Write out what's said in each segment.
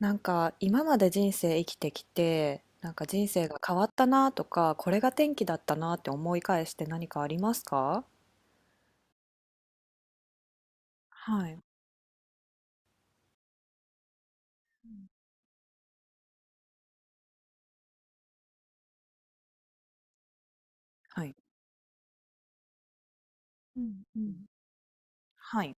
なんか今まで人生生きてきて、なんか人生が変わったなとか、これが転機だったなって思い返して何かありますか？はい。うん。はい。うん。うん。はい。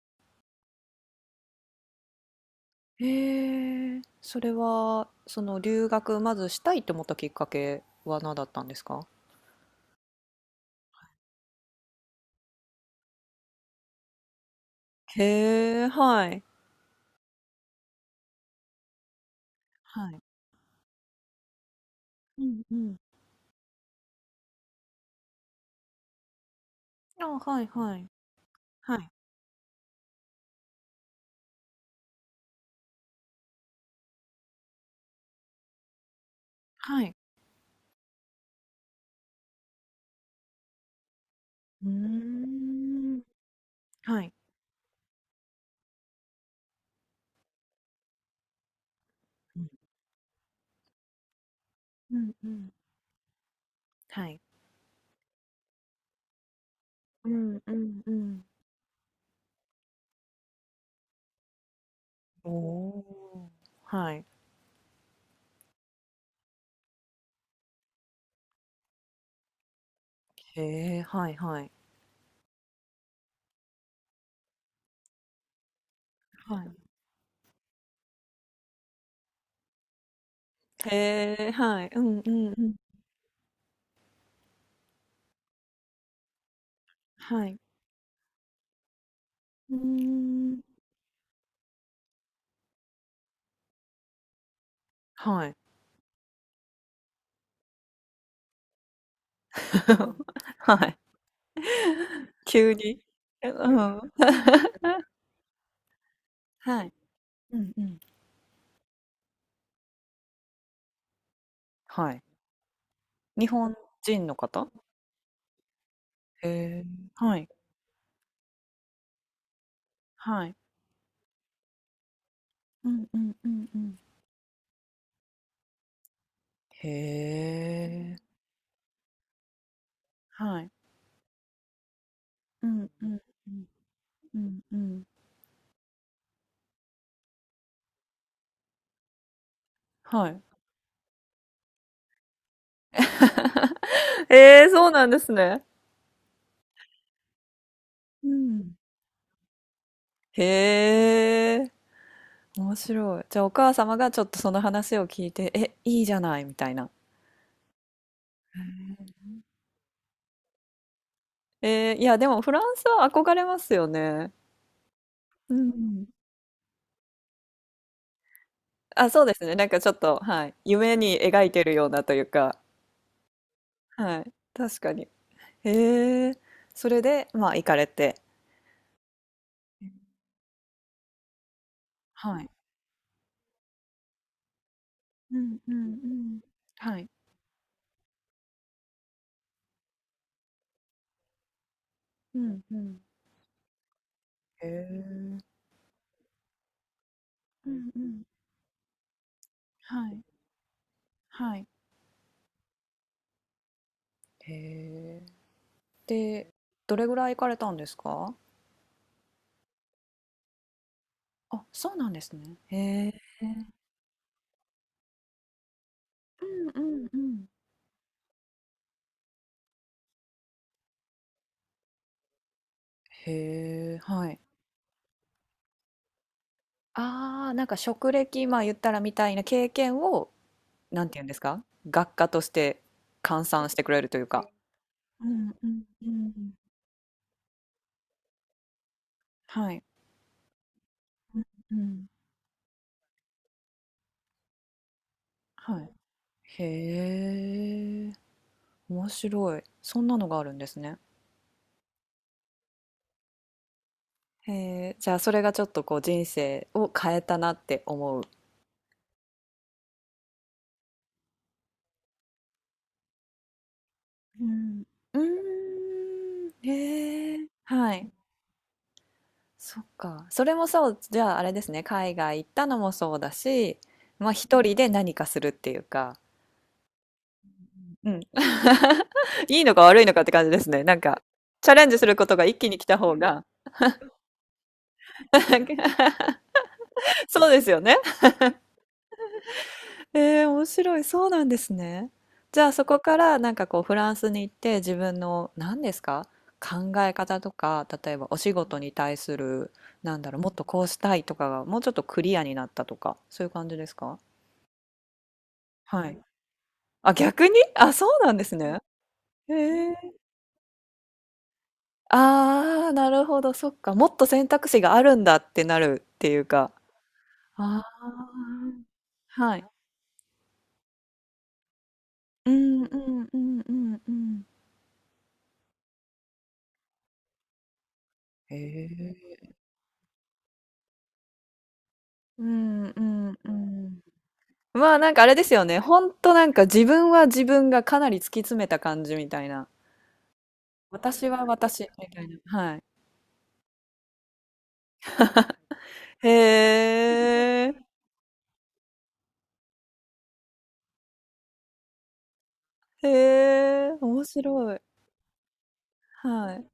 へえ、それはその留学、まずしたいって思ったきっかけは何だったんですか？へー、はい。はい。うんうん。あ、はいはい。はい。はい。うーん。はい。うんうんうん。はい。うんうんうん。おお、はい。へえ、はいはい。はい。へえ、はい。うんうんうん。はい。うーん。はい。はい。急に。え、うん。はい。うんうん。はい。日本人の方？へえ、はい。はい。うんうんうんうん。へえ。はい。うんうんうんうんうん。はい。ええ、そうなんですね。うん。へえ。面白い。じゃあお母様がちょっとその話を聞いて、え、いいじゃないみたいな。えー、いや、でもフランスは憧れますよね。うん。あ、そうですね。なんかちょっと、はい。夢に描いてるようなというか、はい。確かに。へえ。それで、まあ、行かれて。はい。うんうんうん。はい。うんうん。へえ。うんうん。はい。はい。へえ。で、どれぐらい行かれたんですか？あ、そうなんですね。へ。うんうんうん。へえ、はい。ああ、なんか職歴、まあ言ったらみたいな経験を、なんて言うんですか？学科として換算してくれるというか。うんうんうん。はい。うんうん。はい。へえ、面白い。そんなのがあるんですね。へえ、じゃあそれがちょっとこう人生を変えたなって思う。うん。うーん、へえ、はい。そっか。それもそう、じゃああれですね。海外行ったのもそうだし、まあ一人で何かするっていうか、うん。いいのか悪いのかって感じですね。なんか、チャレンジすることが一気に来た方が、そうですよね。えー、面白い。そうなんですね。じゃあそこからなんかこうフランスに行って自分の何ですか、考え方とか、例えばお仕事に対する、なんだろう、もっとこうしたいとかがもうちょっとクリアになったとか、そういう感じですか？はい。あ、逆に、あ、そうなんですね。へえ。ああ、なるほど、そっか。もっと選択肢があるんだってなるっていうか。ああ。はい。うんうんうんうんうん。へえ。うんうんうん。まあ、なんかあれですよね。ほんとなんか自分は自分がかなり突き詰めた感じみたいな。私は私みたいな。はい。へえ。へえ、面白い。はい。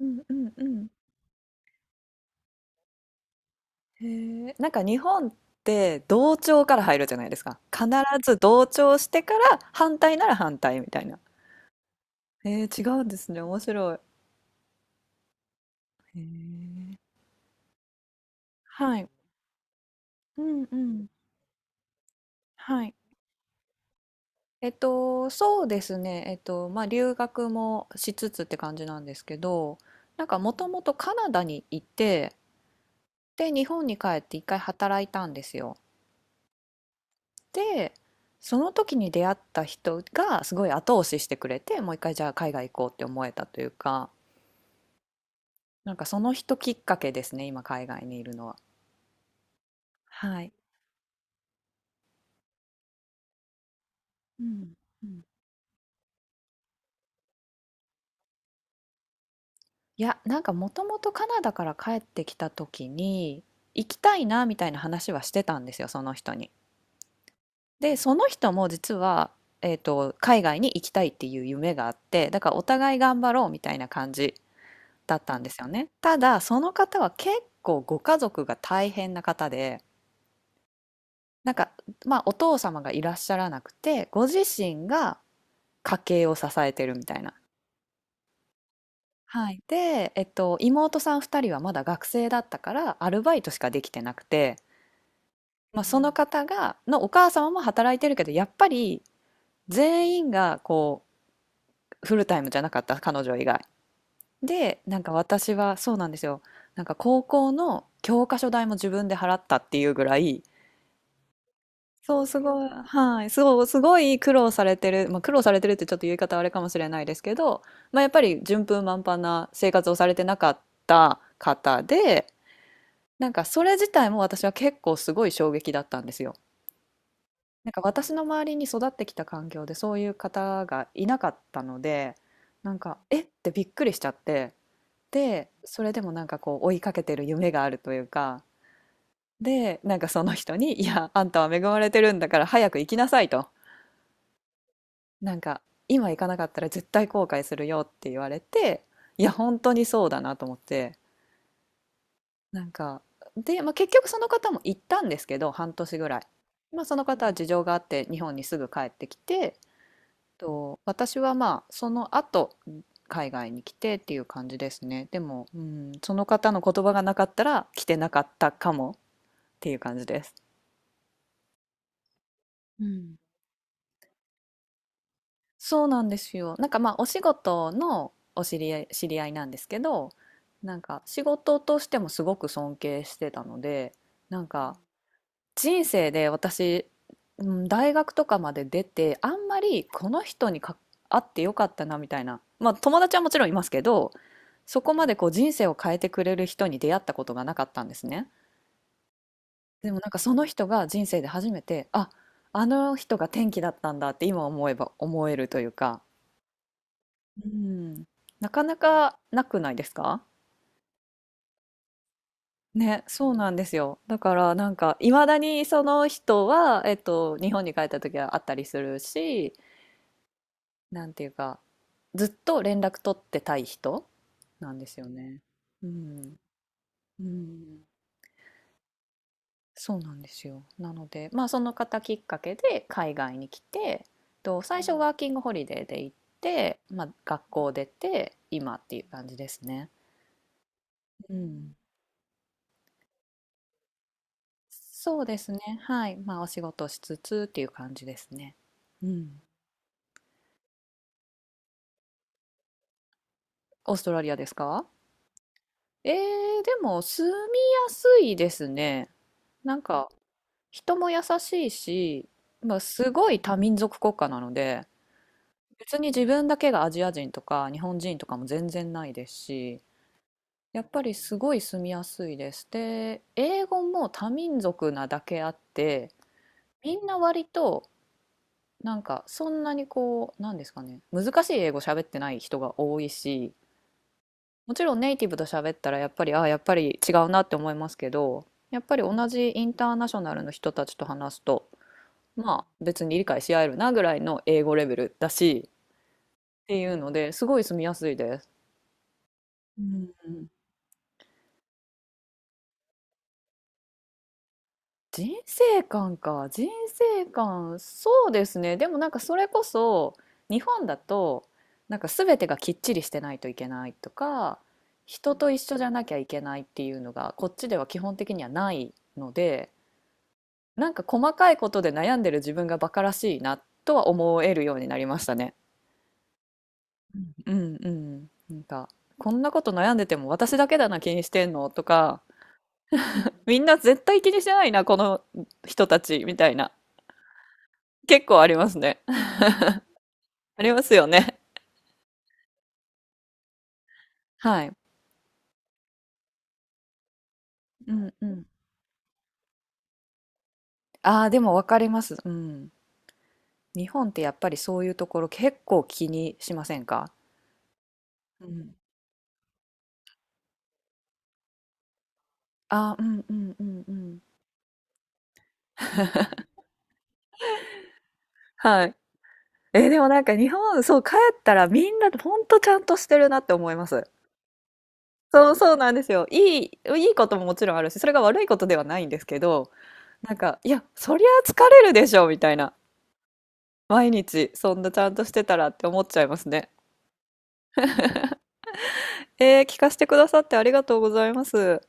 うんうんうん。へえ、なんか日本って同調から入るじゃないですか。必ず同調してから反対なら反対みたいな。えー、違うんですね。面白い。へえ。はい。うんうん。はい。えっと、そうですね。えっと、まあ留学もしつつって感じなんですけど、なんかもともとカナダにいて、で、日本に帰って一回働いたんですよ。で、その時に出会った人がすごい後押ししてくれて、もう一回じゃあ海外行こうって思えたというか、なんかその人きっかけですね、今海外にいるのは。はい。うん。うん。いや、なんかもともとカナダから帰ってきた時に、行きたいなみたいな話はしてたんですよ、その人に。で、その人も実は、海外に行きたいっていう夢があって、だからお互い頑張ろうみたいな感じだったんですよね。ただ、その方は結構ご家族が大変な方で、なんか、まあ、お父様がいらっしゃらなくて、ご自身が家計を支えてるみたいな。はい。で、妹さん2人はまだ学生だったからアルバイトしかできてなくて、う、まあ、そのん方がのお母様も働いてるけど、やっぱり全員がこうフルタイムじゃなかった、彼女以外で。なんか私はそうなんですよ、なんか高校の教科書代も自分で払ったっていうぐらい。そう、すごい、はい、そうすごい苦労されてる、まあ、苦労されてるってちょっと言い方あれかもしれないですけど、まあ、やっぱり順風満帆な生活をされてなかった方で。なんかそれ自体も私は結構すごい衝撃だったんですよ。なんか私の周りに育ってきた環境でそういう方がいなかったので、なんかえってびっくりしちゃって、で、それでもなんかこう追いかけてる夢があるというか、で、なんかその人に、いや、あんたは恵まれてるんだから早く行きなさいと。なんか今行かなかったら絶対後悔するよって言われて、いや、本当にそうだなと思って。なんか、で、まあ、結局その方も行ったんですけど、半年ぐらい。まあ、その方は事情があって日本にすぐ帰ってきて、と、私はまあその後海外に来てっていう感じですね。でも、うん、その方の言葉がなかったら来てなかったかもっていう感じです。うん。そうなんですよ。なんかまあお仕事のお知り合い、知り合いなんですけど、なんか仕事としてもすごく尊敬してたので、なんか人生で私、うん、大学とかまで出て、あんまりこの人にか会ってよかったなみたいな。まあ友達はもちろんいますけど、そこまでこう人生を変えてくれる人に出会ったことがなかったんですね。でもなんかその人が人生で初めて、あ、あの人が転機だったんだって今思えば思えるというか、うん、なかなかなくないですか？ね、そうなんですよ。だからなんかいまだにその人は、日本に帰った時は会ったりするし、なんていうか、ずっと連絡取ってたい人なんですよね。うん。うん。そうなんですよ。なので、まあその方きっかけで海外に来て、と最初ワーキングホリデーで行って、まあ学校出て、今っていう感じですね。うん。そうですね。はい。まあお仕事しつつっていう感じですね。うん。オーストラリアですか？えー、でも住みやすいですね。なんか人も優しいし、まあ、すごい多民族国家なので、別に自分だけがアジア人とか日本人とかも全然ないですし、やっぱりすごい住みやすいです。で、英語も多民族なだけあって、みんな割となんかそんなにこうなんですかね、難しい英語喋ってない人が多いし、もちろんネイティブと喋ったらやっぱりああやっぱり違うなって思いますけど、やっぱり同じインターナショナルの人たちと話すと、まあ別に理解し合えるなぐらいの英語レベルだしっていうので、すごい住みやすいです。うん。人生観か。人生観、そうですね。でもなんかそれこそ日本だと、なんか全てがきっちりしてないといけないとか、人と一緒じゃなきゃいけないっていうのがこっちでは基本的にはないので、なんか細かいことで悩んでる自分がバカらしいなとは思えるようになりましたね。うんうん。なんか、こんなこと悩んでても私だけだな気にしてんのとか、みんな絶対気にしてないな、この人たちみたいな。結構ありますね。ありますよね。はい。うんうん。ああ、でもわかります。うん。日本ってやっぱりそういうところ結構気にしませんか？うん。ああ、うんうんうんうん。はい。えー、でもなんか日本、そう、帰ったらみんなほんとちゃんとしてるなって思います。そう、そうなんですよ。いい、いいことももちろんあるし、それが悪いことではないんですけど、なんか、いや、そりゃ疲れるでしょ、みたいな。毎日、そんなちゃんとしてたらって思っちゃいますね。えー、聞かせてくださってありがとうございます。